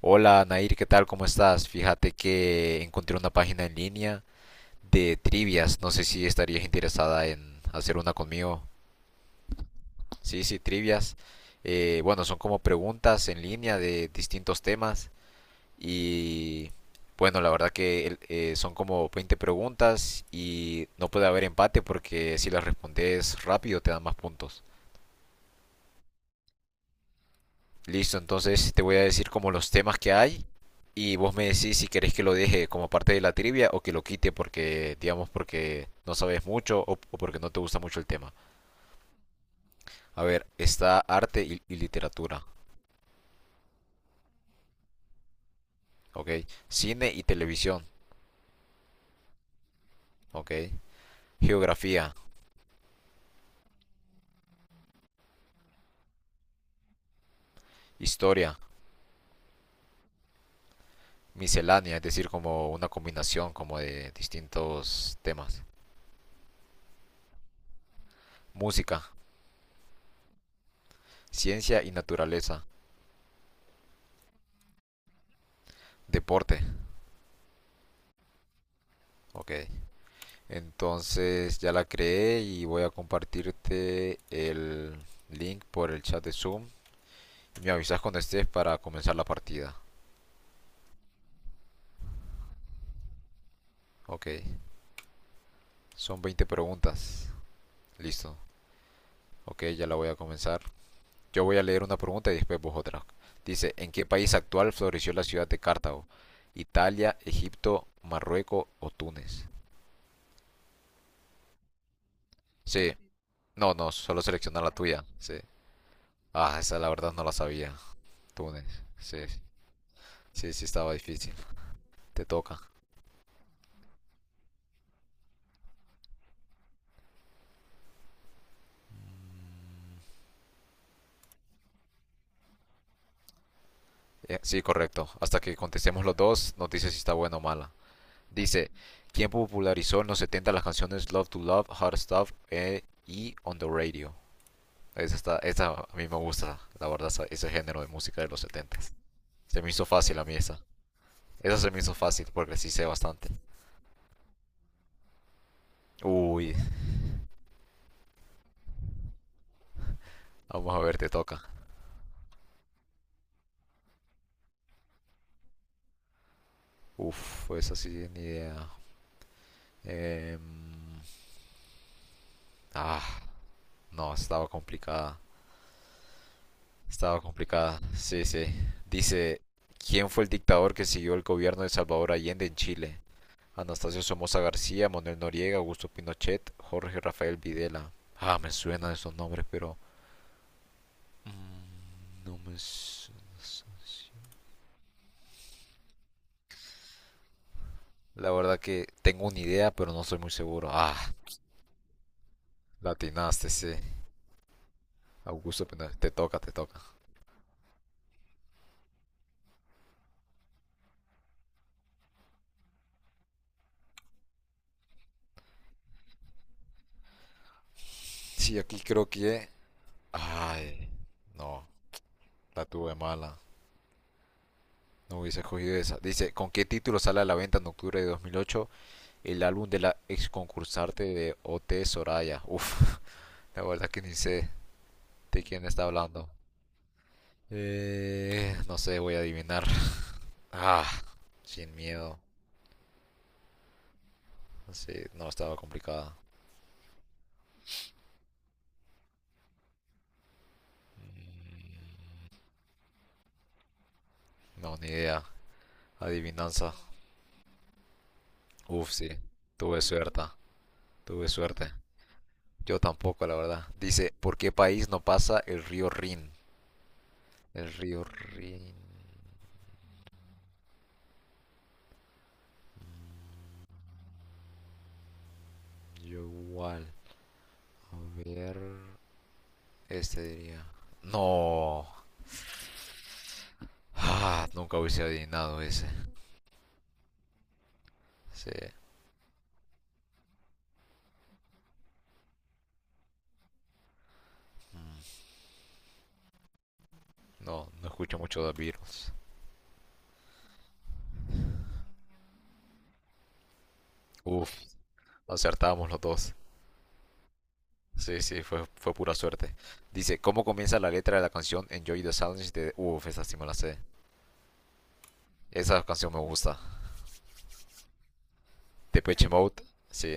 Hola Nair, ¿qué tal? ¿Cómo estás? Fíjate que encontré una página en línea de trivias. No sé si estarías interesada en hacer una conmigo. Sí, sí, trivias. Bueno, son como preguntas en línea de distintos temas. Y bueno, la verdad que son como 20 preguntas y no puede haber empate porque si las respondes rápido te dan más puntos. Listo, entonces te voy a decir como los temas que hay y vos me decís si querés que lo deje como parte de la trivia o que lo quite porque, digamos, porque no sabes mucho o porque no te gusta mucho el tema. A ver, está arte y literatura, ¿ok? Cine y televisión, ¿ok? Geografía, historia, miscelánea, es decir, como una combinación como de distintos temas. Música, ciencia y naturaleza, deporte, ¿ok? Entonces ya la creé y voy a compartirte el link por el chat de Zoom. Me avisas cuando estés para comenzar la partida. Ok, son 20 preguntas. Listo. Ok, ya la voy a comenzar. Yo voy a leer una pregunta y después vos otra. Dice, ¿en qué país actual floreció la ciudad de Cartago? Italia, Egipto, Marruecos o Túnez. Sí, no, no, solo selecciona la tuya. Sí. Ah, esa la verdad no la sabía. Túnez. Sí, sí, sí estaba difícil. Te toca. Sí, correcto. Hasta que contestemos los dos, nos dice si está buena o mala. Dice, ¿quién popularizó en los 70 las canciones Love to Love, Hard Stuff, y On the Radio? Esa a mí me gusta, la verdad, ese género de música de los 70. Se me hizo fácil a mí esa. Esa se me hizo fácil porque sí sé bastante. Uy, vamos a ver, te toca. Uf, esa sí, ni idea. Em, ah, no, estaba complicada. Estaba complicada. Sí, sí. Dice, ¿quién fue el dictador que siguió el gobierno de Salvador Allende en Chile? Anastasio Somoza García, Manuel Noriega, Augusto Pinochet, Jorge Rafael Videla. Ah, me suenan esos nombres, pero no me su-. La verdad que tengo una idea, pero no soy muy seguro. Ah, latinaste, sí. Augusto Pinochet, te toca, te toca. Sí, aquí creo que. Ay, no, la tuve mala. No hubiese cogido esa. Dice, ¿con qué título sale a la venta en octubre de 2008 el álbum de la ex concursante de OT Soraya? Uf, la verdad que ni sé de quién está hablando. No sé, voy a adivinar. Ah, sin miedo. Sí, no, estaba complicada. No, ni idea. Adivinanza. Uf, sí. Tuve suerte. Tuve suerte. Yo tampoco, la verdad. Dice, ¿por qué país no pasa el río Rin? El río Rin. Yo igual. A ver. Este diría. No. Ah, nunca hubiese adivinado ese. Sí. No, no escucho mucho de Beatles. Uf, acertábamos los dos. Sí, sí, fue pura suerte. Dice, ¿cómo comienza la letra de la canción Enjoy the Silence de. Uf, esa sí me la sé. Esa canción me gusta. Depeche Mode, sí,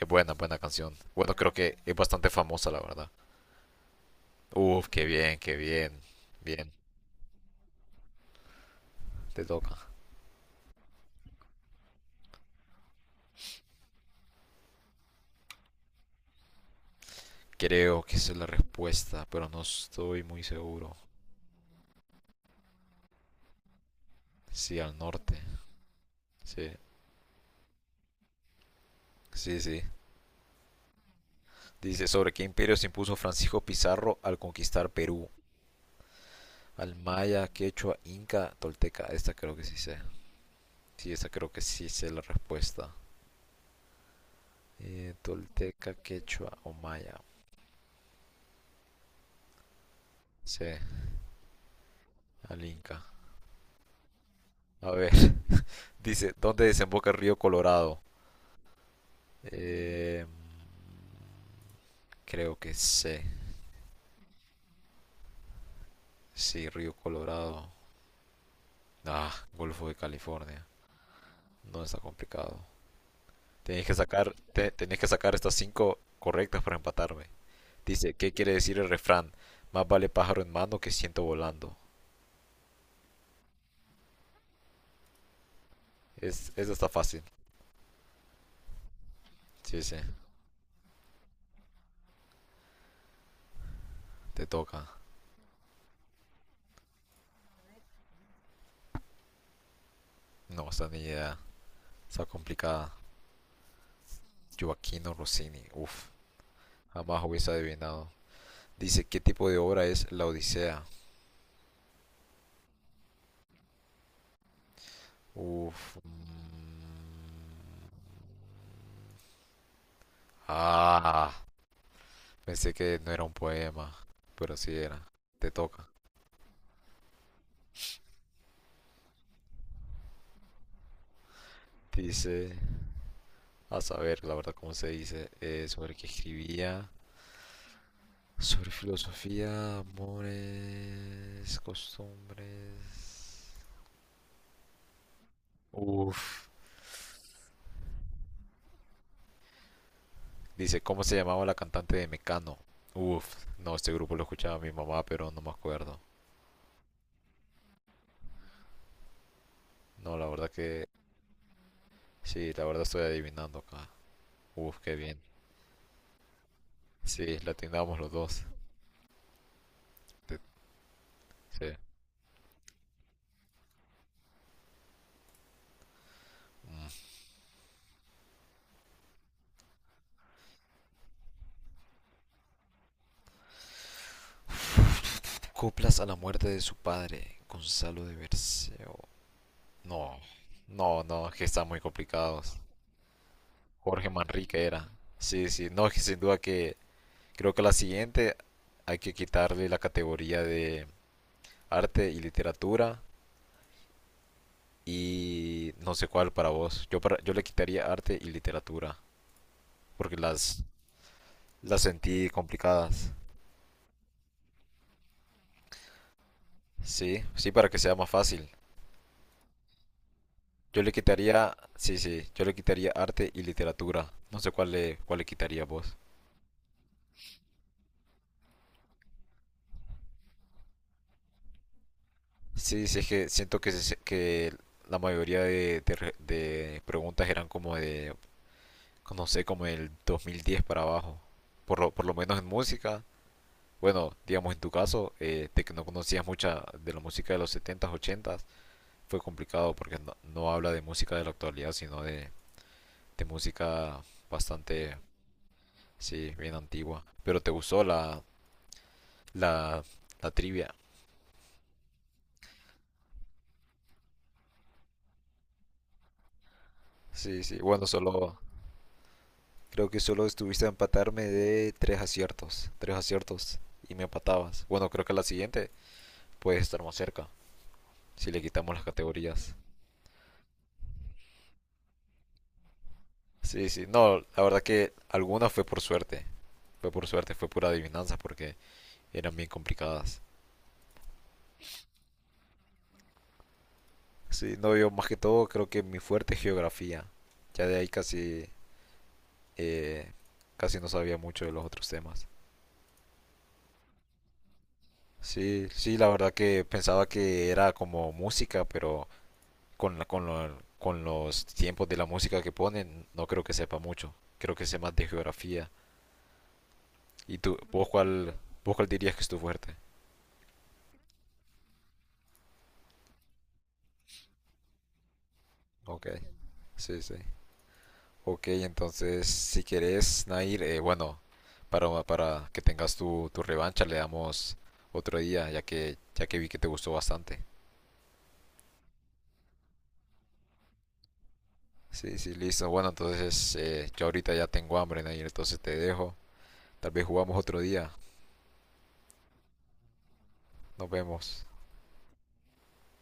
es buena, buena canción. Bueno, creo que es bastante famosa, la verdad. Uf, qué bien, qué bien. Bien, te toca. Creo que esa es la respuesta, pero no estoy muy seguro. Sí, al norte. Sí, sí, sí. Dice, ¿sobre qué imperio se impuso Francisco Pizarro al conquistar Perú? Al maya, quechua, inca, tolteca. Esta creo que sí sé. Sí, esta creo que sí sé la respuesta. Tolteca, quechua o maya. Sí, al inca. A ver, dice, ¿dónde desemboca el río Colorado? Eh, creo que sé. Sí, río Colorado. Ah, Golfo de California. No está complicado. Tenéis que sacar, tenéis que sacar estas cinco correctas para empatarme. Dice, ¿qué quiere decir el refrán? Más vale pájaro en mano que ciento volando. Esa está fácil. Sí, sí, te toca. No, esta ni idea. Está complicada. Joaquino Rossini. Uf, jamás hubiese adivinado. Dice, ¿qué tipo de obra es La Odisea? Uf. Mm. Ah, pensé que no era un poema, pero sí era. Te toca. Dice, a saber, la verdad, cómo se dice, sobre qué escribía, sobre filosofía, amores, costumbres. Uff. Dice, ¿cómo se llamaba la cantante de Mecano? Uff, no, este grupo lo escuchaba mi mamá, pero no me acuerdo. No, la verdad que sí, la verdad estoy adivinando acá. Uf, qué bien. Sí, la atendamos los dos. Te- Sí. Coplas a la muerte de su padre, Gonzalo de Berceo. No, no, no, es que están muy complicados. Jorge Manrique era. Sí, sí, no, que sin duda que creo que la siguiente hay que quitarle la categoría de arte y literatura y no sé cuál para vos. Yo le quitaría arte y literatura porque las sentí complicadas. Sí, sí para que sea más fácil. Yo le quitaría, sí, sí, yo le quitaría arte y literatura. No sé cuál le quitaría vos. Sí, sí es que siento que que la mayoría de preguntas eran como de no sé, como el 2010 para abajo. Por lo menos en música. Bueno, digamos en tu caso, de que no conocías mucha de la música de los setentas ochentas fue complicado porque no habla de música de la actualidad, sino de música bastante, sí, bien antigua. Pero te gustó la, la trivia. Sí, sí, bueno, solo, creo que solo estuviste a empatarme de tres aciertos y me empatabas. Bueno, creo que la siguiente puedes estar más cerca si le quitamos las categorías. Sí, sí, no, la verdad que alguna fue por suerte, fue por suerte, fue pura adivinanza porque eran bien complicadas. Sí, no, yo más que todo creo que mi fuerte es geografía, ya de ahí casi, eh, casi no sabía mucho de los otros temas. Sí, sí, la verdad que pensaba que era como música, pero con los tiempos de la música que ponen, no creo que sepa mucho, creo que sé más de geografía. ¿Y vos cuál dirías que es tu fuerte? Ok, sí, sí. Ok, entonces si querés, Nair, bueno, para que tengas tu revancha le damos otro día, ya que vi que te gustó bastante. Sí, sí, listo. Bueno, entonces yo ahorita ya tengo hambre, Nair, entonces te dejo. Tal vez jugamos otro día. Nos vemos.